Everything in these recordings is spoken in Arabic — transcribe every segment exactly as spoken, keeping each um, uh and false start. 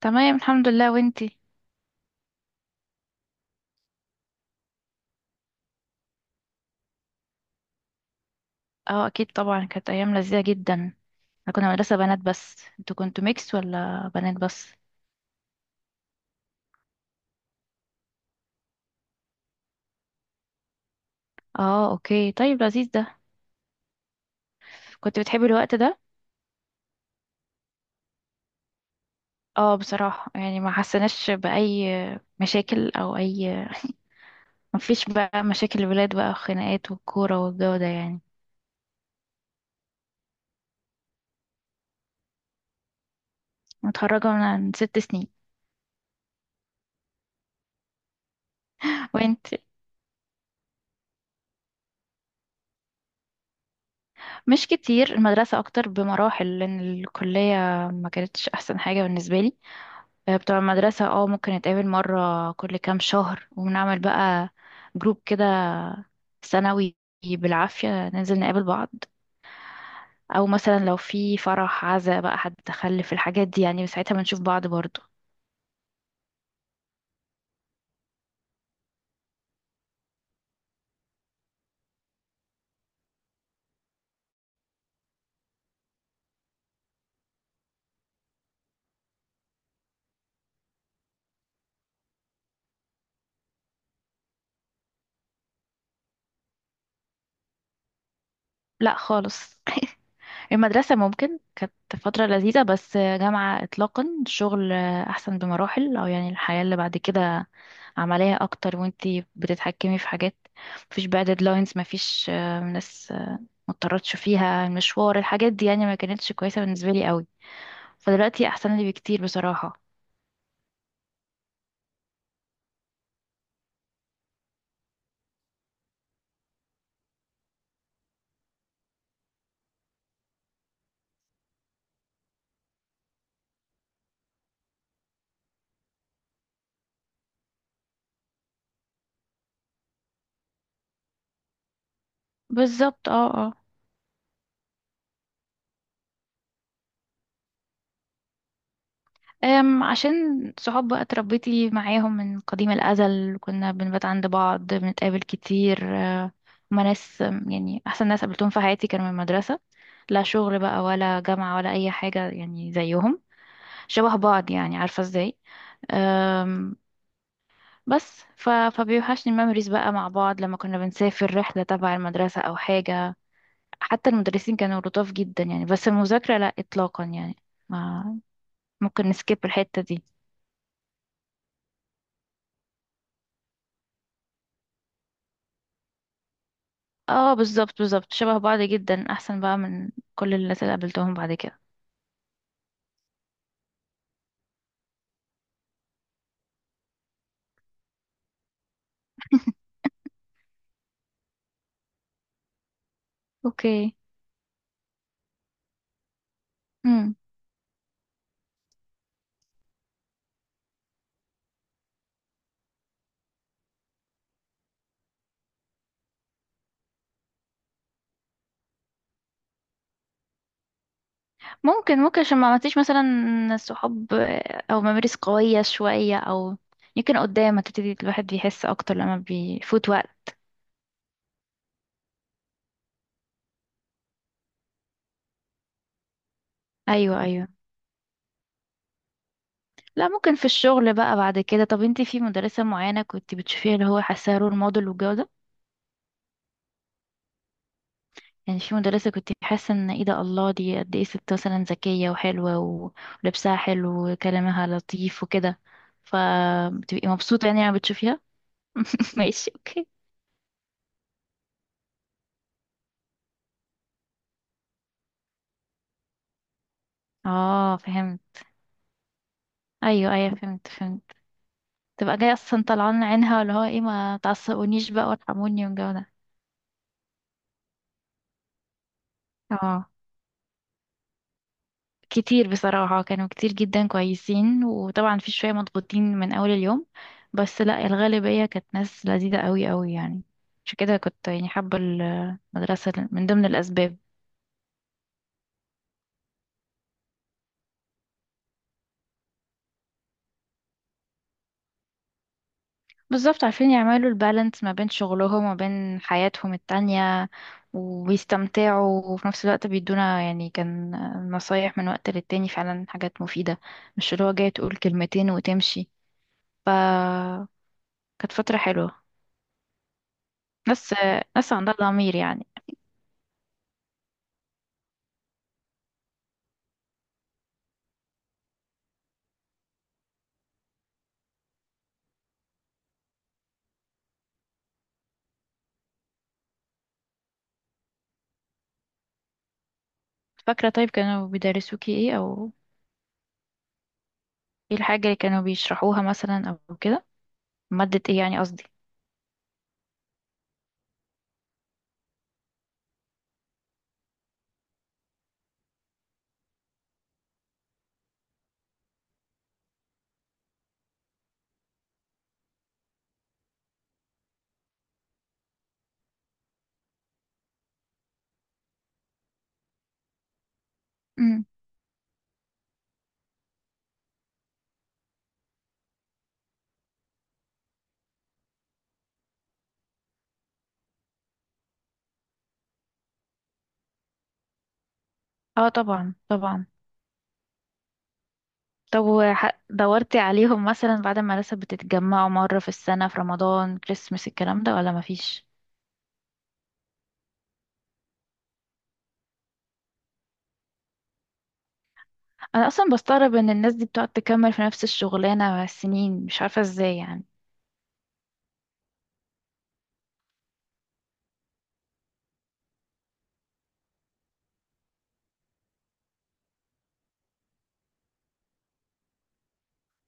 تمام، الحمد لله. وانتي؟ اه، اكيد طبعا كانت ايام لذيذه جدا. احنا كنا مدرسه بنات، بس انتوا كنتوا ميكس ولا بنات بس؟ اه، اوكي. طيب، لذيذ ده. كنت بتحبي الوقت ده؟ اه، بصراحه يعني ما حسناش باي مشاكل او اي. ما فيش بقى مشاكل الولاد، بقى خناقات والكوره والجو ده يعني. متخرجه من ست سنين. وانت؟ مش كتير، المدرسه اكتر بمراحل لان الكليه ما كانتش احسن حاجه بالنسبه لي. آه، بتوع المدرسة اه ممكن نتقابل مرة كل كام شهر ونعمل بقى جروب كده سنوي. بالعافية ننزل نقابل بعض، أو مثلا لو في فرح عزا بقى حد تخلف الحاجات دي يعني ساعتها بنشوف بعض برضو. لا خالص. المدرسة ممكن كانت فترة لذيذة، بس جامعة إطلاقا. الشغل أحسن بمراحل، أو يعني الحياة اللي بعد كده عملية أكتر، وانتي بتتحكمي في حاجات. مفيش بقى ديدلاينز، مفيش آه، ناس ما اضطرتش فيها المشوار، الحاجات دي يعني ما كانتش كويسة بالنسبة لي قوي. فدلوقتي احسن لي بكتير بصراحة. بالظبط، اه اه. أم عشان صحاب بقى اتربيتي معاهم من قديم الأزل، كنا بنبات عند بعض، بنتقابل كتير. آه، هما ناس آم، يعني أحسن ناس قابلتهم في حياتي كانوا من المدرسة. لا شغل بقى ولا جامعة ولا أي حاجة يعني زيهم، شبه بعض، يعني عارفة ازاي. أم، بس ف... فبيوحشني الميموريز بقى مع بعض، لما كنا بنسافر رحلة تبع المدرسة أو حاجة. حتى المدرسين كانوا لطاف جدا يعني، بس المذاكرة لا إطلاقا يعني ما ممكن نسكيب الحتة دي. اه بالظبط بالظبط، شبه بعض جدا، أحسن بقى من كل الناس اللي قابلتهم بعد كده. اوكي. مم. ممكن ممكن عشان ما عملتيش مثلا صحاب، آه، أو ممارس قوية شوية، أو يمكن قدام هتبتدي الواحد بيحس أكتر لما بيفوت وقت. أيوه أيوه. لا ممكن في الشغل بقى بعد كده. طب انتي في مدرسة معينة كنت بتشوفيها اللي هو حاساها رول موديل والجو ده؟ يعني في مدرسة كنت حاسة ان ايه ده الله، دي قد ايه ست مثلا ذكية وحلوة و- ولبسها حلو وكلامها لطيف وكده، فبتبقي مبسوطة يعني لما بتشوفيها. ماشي، اوكي. اه فهمت. ايوه ايوه فهمت فهمت. تبقى جاية اصلا طلعان عينها اللي هو ايه، ما تعصبونيش بقى وارحموني والجو ده. اه، كتير بصراحة. كانوا كتير جدا كويسين، وطبعا في شوية مضغوطين من أول اليوم، بس لا الغالبية كانت ناس لذيذة قوي قوي يعني. عشان كده كنت يعني حابة المدرسة من ضمن الأسباب. بالظبط، عارفين يعملوا البالانس ما بين شغلهم وما بين حياتهم التانية، وبيستمتعوا وفي نفس الوقت بيدونا يعني كان نصايح من وقت للتاني، فعلا حاجات مفيدة. مش اللي هو جاي تقول كلمتين وتمشي. فكانت فترة حلوة. ناس ناس عندها ضمير يعني. فاكرة طيب كانوا بيدرسوكي ايه، او ايه الحاجة اللي كانوا بيشرحوها مثلا او كده، مادة ايه يعني قصدي؟ امم. اه طبعا طبعا. طب وح- دورتي عليهم مثلا بعد ما لسه بتتجمعوا مرة في السنة في رمضان كريسمس الكلام ده ولا مفيش؟ انا اصلا بستغرب ان الناس دي بتقعد تكمل في نفس الشغلانة سنين، مش عارفة ازاي يعني.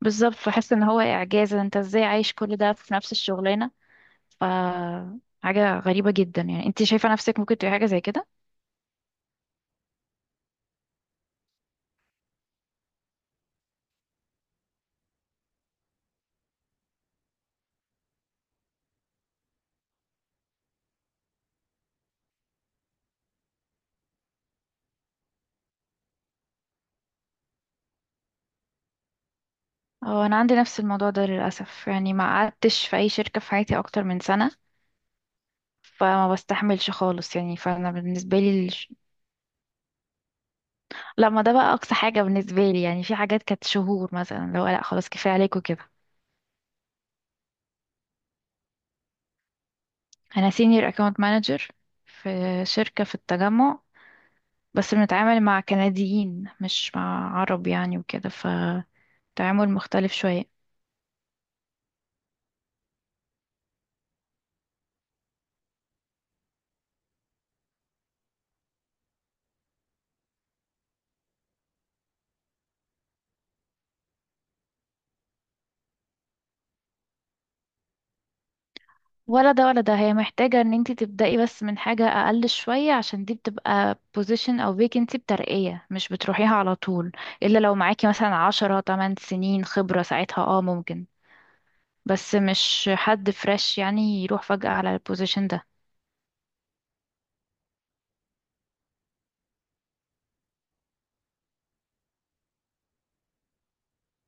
بالظبط، بحس ان هو اعجاز، انت ازاي عايش كل ده في نفس الشغلانة؟ ف حاجة غريبة جدا يعني، انت شايفة نفسك ممكن تبقى حاجة زي كده؟ اه انا عندي نفس الموضوع ده للاسف يعني، ما قعدتش في اي شركه في حياتي اكتر من سنه، فما بستحملش خالص يعني، فانا بالنسبه لي الش... لا ما ده بقى اقصى حاجه بالنسبه لي يعني، في حاجات كانت شهور مثلا. لو لا خلاص كفايه عليكم كده. انا سينيور اكاونت مانجر في شركه في التجمع، بس بنتعامل مع كنديين مش مع عرب يعني، وكده فتعامل مختلف شويه. ولا ده ولا ده، هي محتاجة ان انتي تبدأي بس من حاجة اقل شوية، عشان دي بتبقى position او vacancy بترقية، مش بتروحيها على طول. الا لو معاكي مثلا عشرة تمن سنين خبرة، ساعتها اه ممكن، بس مش حد فريش يعني يروح فجأة على البوزيشن ده.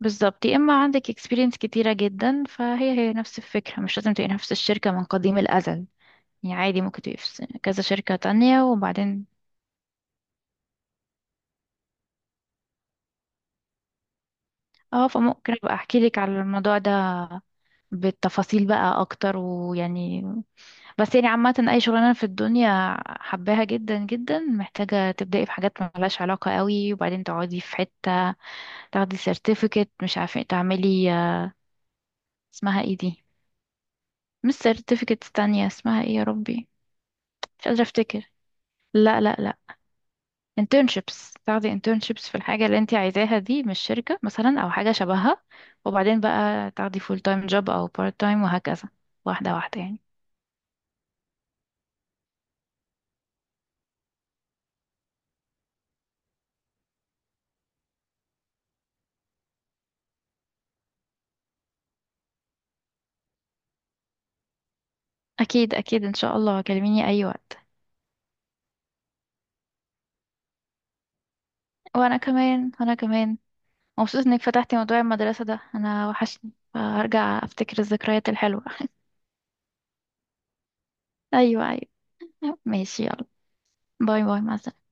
بالظبط، يا اما عندك experience كتيرة جدا فهي هي نفس الفكرة، مش لازم تبقي نفس الشركة من قديم الأزل. يعني عادي ممكن تبقي في س- كذا شركة تانية وبعدين. اه، فممكن ابقى احكي لك على الموضوع ده بالتفاصيل بقى اكتر ويعني، بس يعني عامة أي شغلانة في الدنيا حباها جدا جدا محتاجة تبدأي في حاجات ملهاش علاقة قوي، وبعدين تقعدي في حتة تاخدي سيرتيفيكت، مش عارفة إيه، تعملي آه، اسمها ايه دي؟ مش سيرتيفيكت، تانية اسمها ايه يا ربي؟ مش قادرة افتكر. لا لا لا، internships. تاخدي internships في الحاجة اللي انت عايزاها دي من الشركة مثلا أو حاجة شبهها، وبعدين بقى تاخدي full time job أو part time وهكذا. واحدة واحدة يعني. أكيد أكيد، إن شاء الله كلميني أي وقت. وأنا كمان وأنا كمان، مبسوط انك فتحتي موضوع المدرسة ده، انا وحشني هرجع افتكر الذكريات الحلوة. ايوه ايوه. ماشي، يلا. باي باي، مع السلامة.